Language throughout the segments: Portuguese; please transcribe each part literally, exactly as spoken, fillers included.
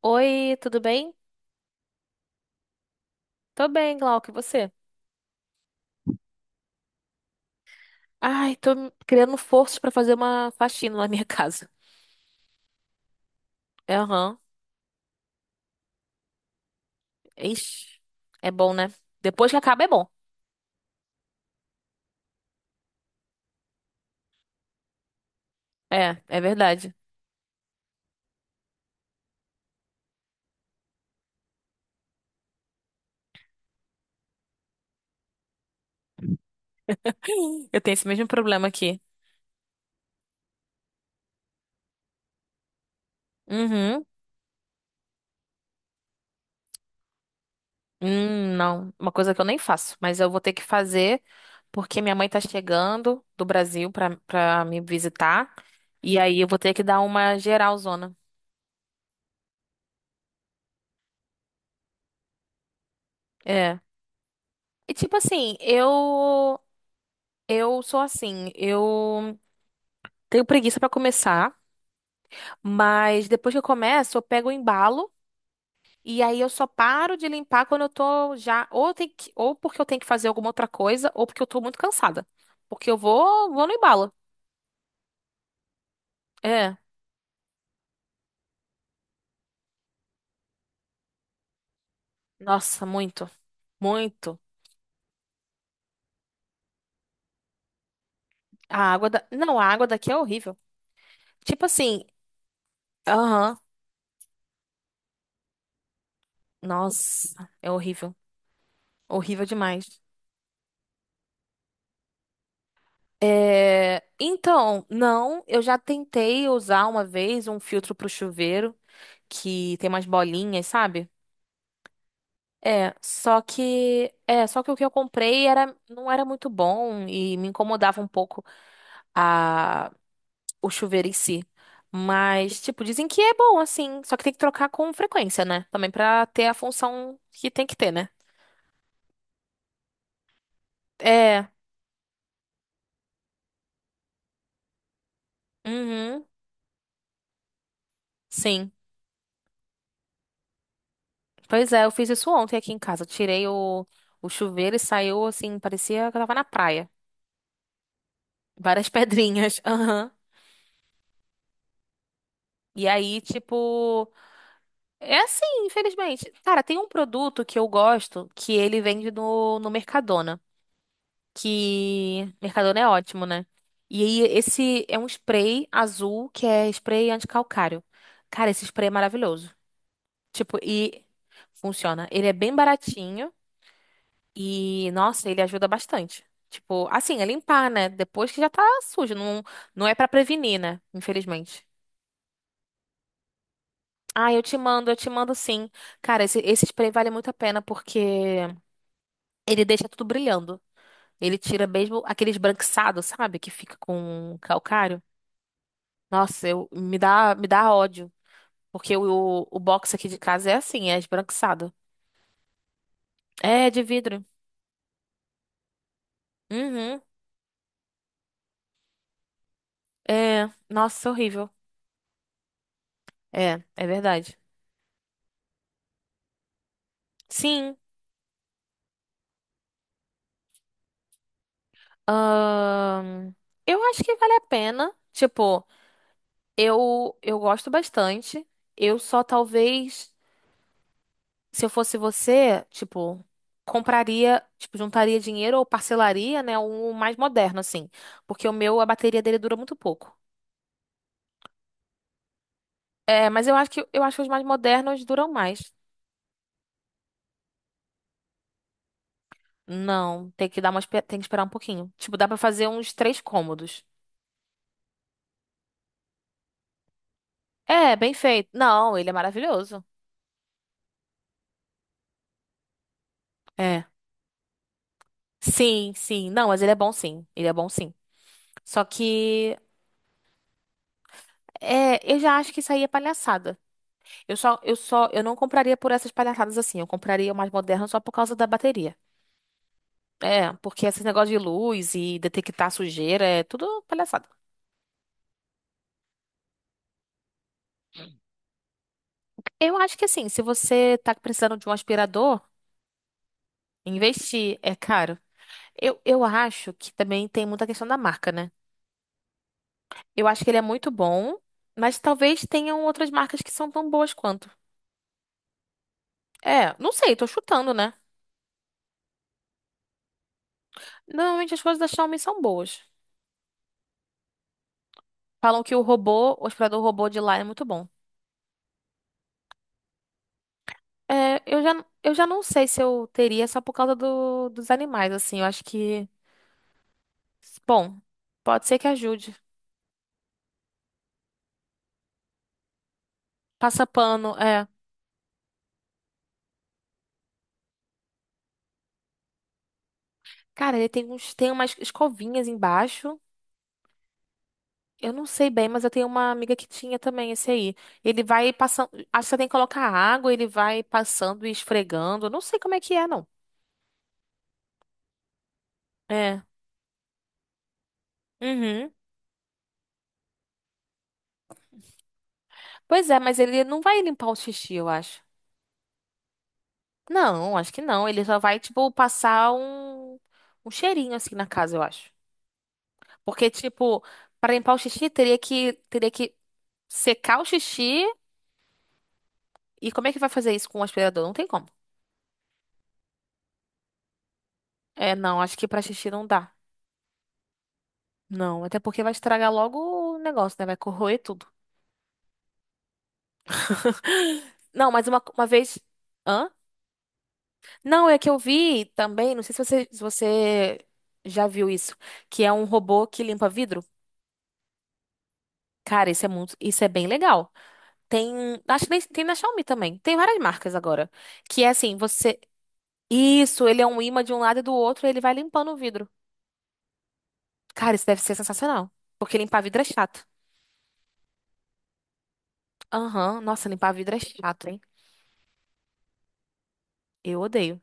Oi, tudo bem? Tô bem, Glauco, e você? Ai, tô criando forças pra fazer uma faxina na minha casa. É, aham. Ixi, é bom, né? Depois que acaba é bom. É, é verdade. Eu tenho esse mesmo problema aqui. Uhum. Hum, não, uma coisa que eu nem faço, mas eu vou ter que fazer porque minha mãe tá chegando do Brasil pra, pra me visitar. E aí eu vou ter que dar uma geralzona. É. E tipo assim, eu eu sou assim, eu tenho preguiça pra começar, mas depois que eu começo, eu pego o embalo e aí eu só paro de limpar quando eu tô já ou tem que, ou porque eu tenho que fazer alguma outra coisa ou porque eu tô muito cansada. Porque eu vou, vou no embalo. É. Nossa, muito. Muito. A água da... Não, a água daqui é horrível. Tipo assim, aham. Nossa, é horrível. Horrível demais. É, então, não, eu já tentei usar uma vez um filtro pro chuveiro que tem umas bolinhas, sabe? É, só que é, só que o que eu comprei era não era muito bom e me incomodava um pouco a o chuveiro em si. Mas, tipo, dizem que é bom assim, só que tem que trocar com frequência, né? Também pra ter a função que tem que ter, né? É. Uhum. Sim. Pois é, eu fiz isso ontem aqui em casa. Eu tirei o, o chuveiro e saiu assim, parecia que eu tava na praia. Várias pedrinhas. Aham. E aí, tipo, é assim, infelizmente. Cara, tem um produto que eu gosto que ele vende no, no Mercadona. Que Mercadona é ótimo, né? E aí, esse é um spray azul que é spray anticalcário. Cara, esse spray é maravilhoso. Tipo, e funciona. Ele é bem baratinho e, nossa, ele ajuda bastante. Tipo, assim, é limpar, né? Depois que já tá sujo. Não, não é pra prevenir, né? Infelizmente. Ah, eu te mando, eu te mando sim. Cara, esse, esse spray vale muito a pena porque. Ele deixa tudo brilhando. Ele tira mesmo aquele esbranquiçado, sabe? Que fica com calcário. Nossa, eu, me dá, me dá ódio. Porque o, o box aqui de casa é assim, é esbranquiçado. É, de vidro. Uhum. É, nossa, horrível. É, é verdade. Sim. Ahn, eu acho que vale a pena. Tipo, eu, eu gosto bastante. Eu só talvez. Se eu fosse você, tipo, compraria, tipo, juntaria dinheiro ou parcelaria, né, um mais moderno assim, porque o meu a bateria dele dura muito pouco. É, mas eu acho que eu acho que os mais modernos duram mais. Não, tem que dar uma, espe- tem que esperar um pouquinho. Tipo, dá pra fazer uns três cômodos. É, bem feito. Não, ele é maravilhoso. É. Sim, sim. Não, mas ele é bom sim. Ele é bom sim. Só que é, eu já acho que isso aí é palhaçada. Eu só, eu só, eu não compraria por essas palhaçadas assim. Eu compraria mais moderna só por causa da bateria. É, porque esses negócios de luz e detectar sujeira é tudo palhaçada. Eu acho que assim, se você tá precisando de um aspirador, investir é caro. Eu, eu acho que também tem muita questão da marca, né? Eu acho que ele é muito bom, mas talvez tenham outras marcas que são tão boas quanto. É, não sei, tô chutando, né? Normalmente as coisas da Xiaomi são boas. Falam que o robô, o aspirador robô de lá é muito bom. É, eu já, eu já não sei se eu teria só por causa do, dos animais, assim. Eu acho que. Bom, pode ser que ajude. Passa pano, é. Cara, ele tem uns, tem umas escovinhas embaixo. Eu não sei bem, mas eu tenho uma amiga que tinha também esse aí. Ele vai passando. Acho que você tem que colocar água, ele vai passando e esfregando. Eu não sei como é que é, não. É. Uhum. Pois é, mas ele não vai limpar o xixi, eu acho. Não, acho que não. Ele só vai, tipo, passar um, um cheirinho assim na casa, eu acho. Porque, tipo, para limpar o xixi, teria que, teria que secar o xixi. E como é que vai fazer isso com o aspirador? Não tem como. É, não, acho que pra xixi não dá. Não, até porque vai estragar logo o negócio, né? Vai corroer tudo. Não, mas uma, uma vez. Hã? Não, é que eu vi também, não sei se você, se você já viu isso, que é um robô que limpa vidro. Cara, isso é muito, isso é bem legal. Tem, acho que nem- tem na Xiaomi também. Tem várias marcas agora. Que é assim, você isso, ele é um ímã de um lado e do outro, e ele vai limpando o vidro. Cara, isso deve ser sensacional. Porque limpar vidro é chato. Aham, nossa, limpar vidro é chato, hein? Eu odeio.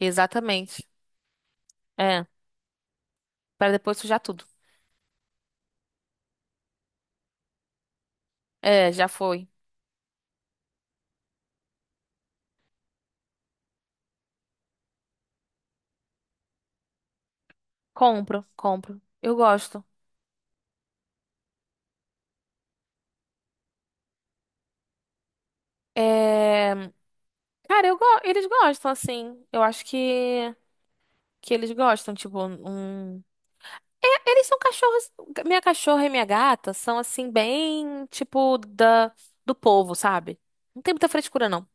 Exatamente. É, para depois sujar tudo. É, já foi. Compro, compro. Eu gosto. É... Cara, eu go... eles gostam, assim. Eu acho que... que eles gostam, tipo, um... É, eles são cachorros... Minha cachorra e minha gata são, assim, bem, tipo, da... do povo, sabe? Não tem muita frescura, não.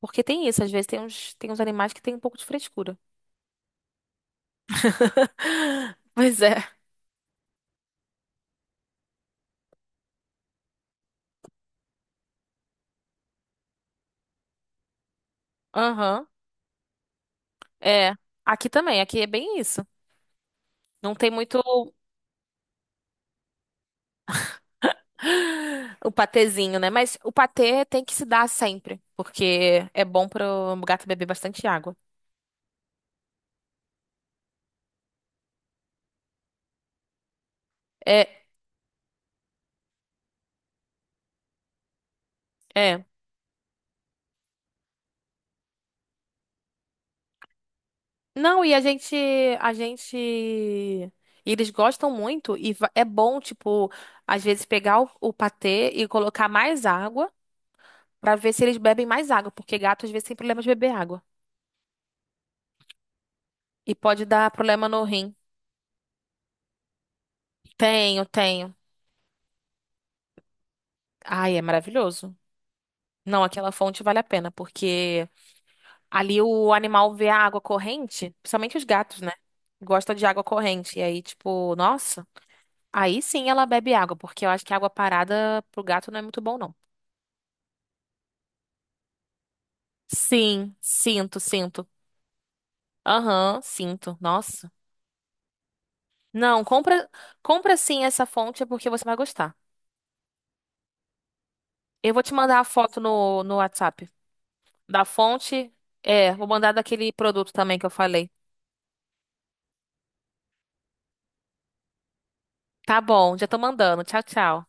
Porque tem isso, às vezes tem uns, tem uns animais que tem um pouco de frescura. Pois é. Aham. É. Aqui também, aqui é bem isso. Não tem muito o patezinho, né? Mas o patê tem que se dar sempre, porque é bom para o gato beber bastante água. É, é. Não, e a gente, a gente, e eles gostam muito e va- é bom, tipo, às vezes pegar o, o patê e colocar mais água pra ver se eles bebem mais água, porque gato às vezes tem problema de beber água. E pode dar problema no rim. Tenho, tenho. Ai, é maravilhoso. Não, aquela fonte vale a pena, porque ali o animal vê a água corrente, principalmente os gatos, né? Gosta de água corrente. E aí, tipo, nossa, aí sim ela bebe água, porque eu acho que água parada pro gato não é muito bom, não. Sim, sinto, sinto. Aham, sinto. Nossa. Não, compra, compra sim essa fonte é porque você vai gostar. Eu vou te mandar a foto no, no WhatsApp. Da fonte? É, vou mandar daquele produto também que eu falei. Tá bom, já tô mandando. Tchau, tchau.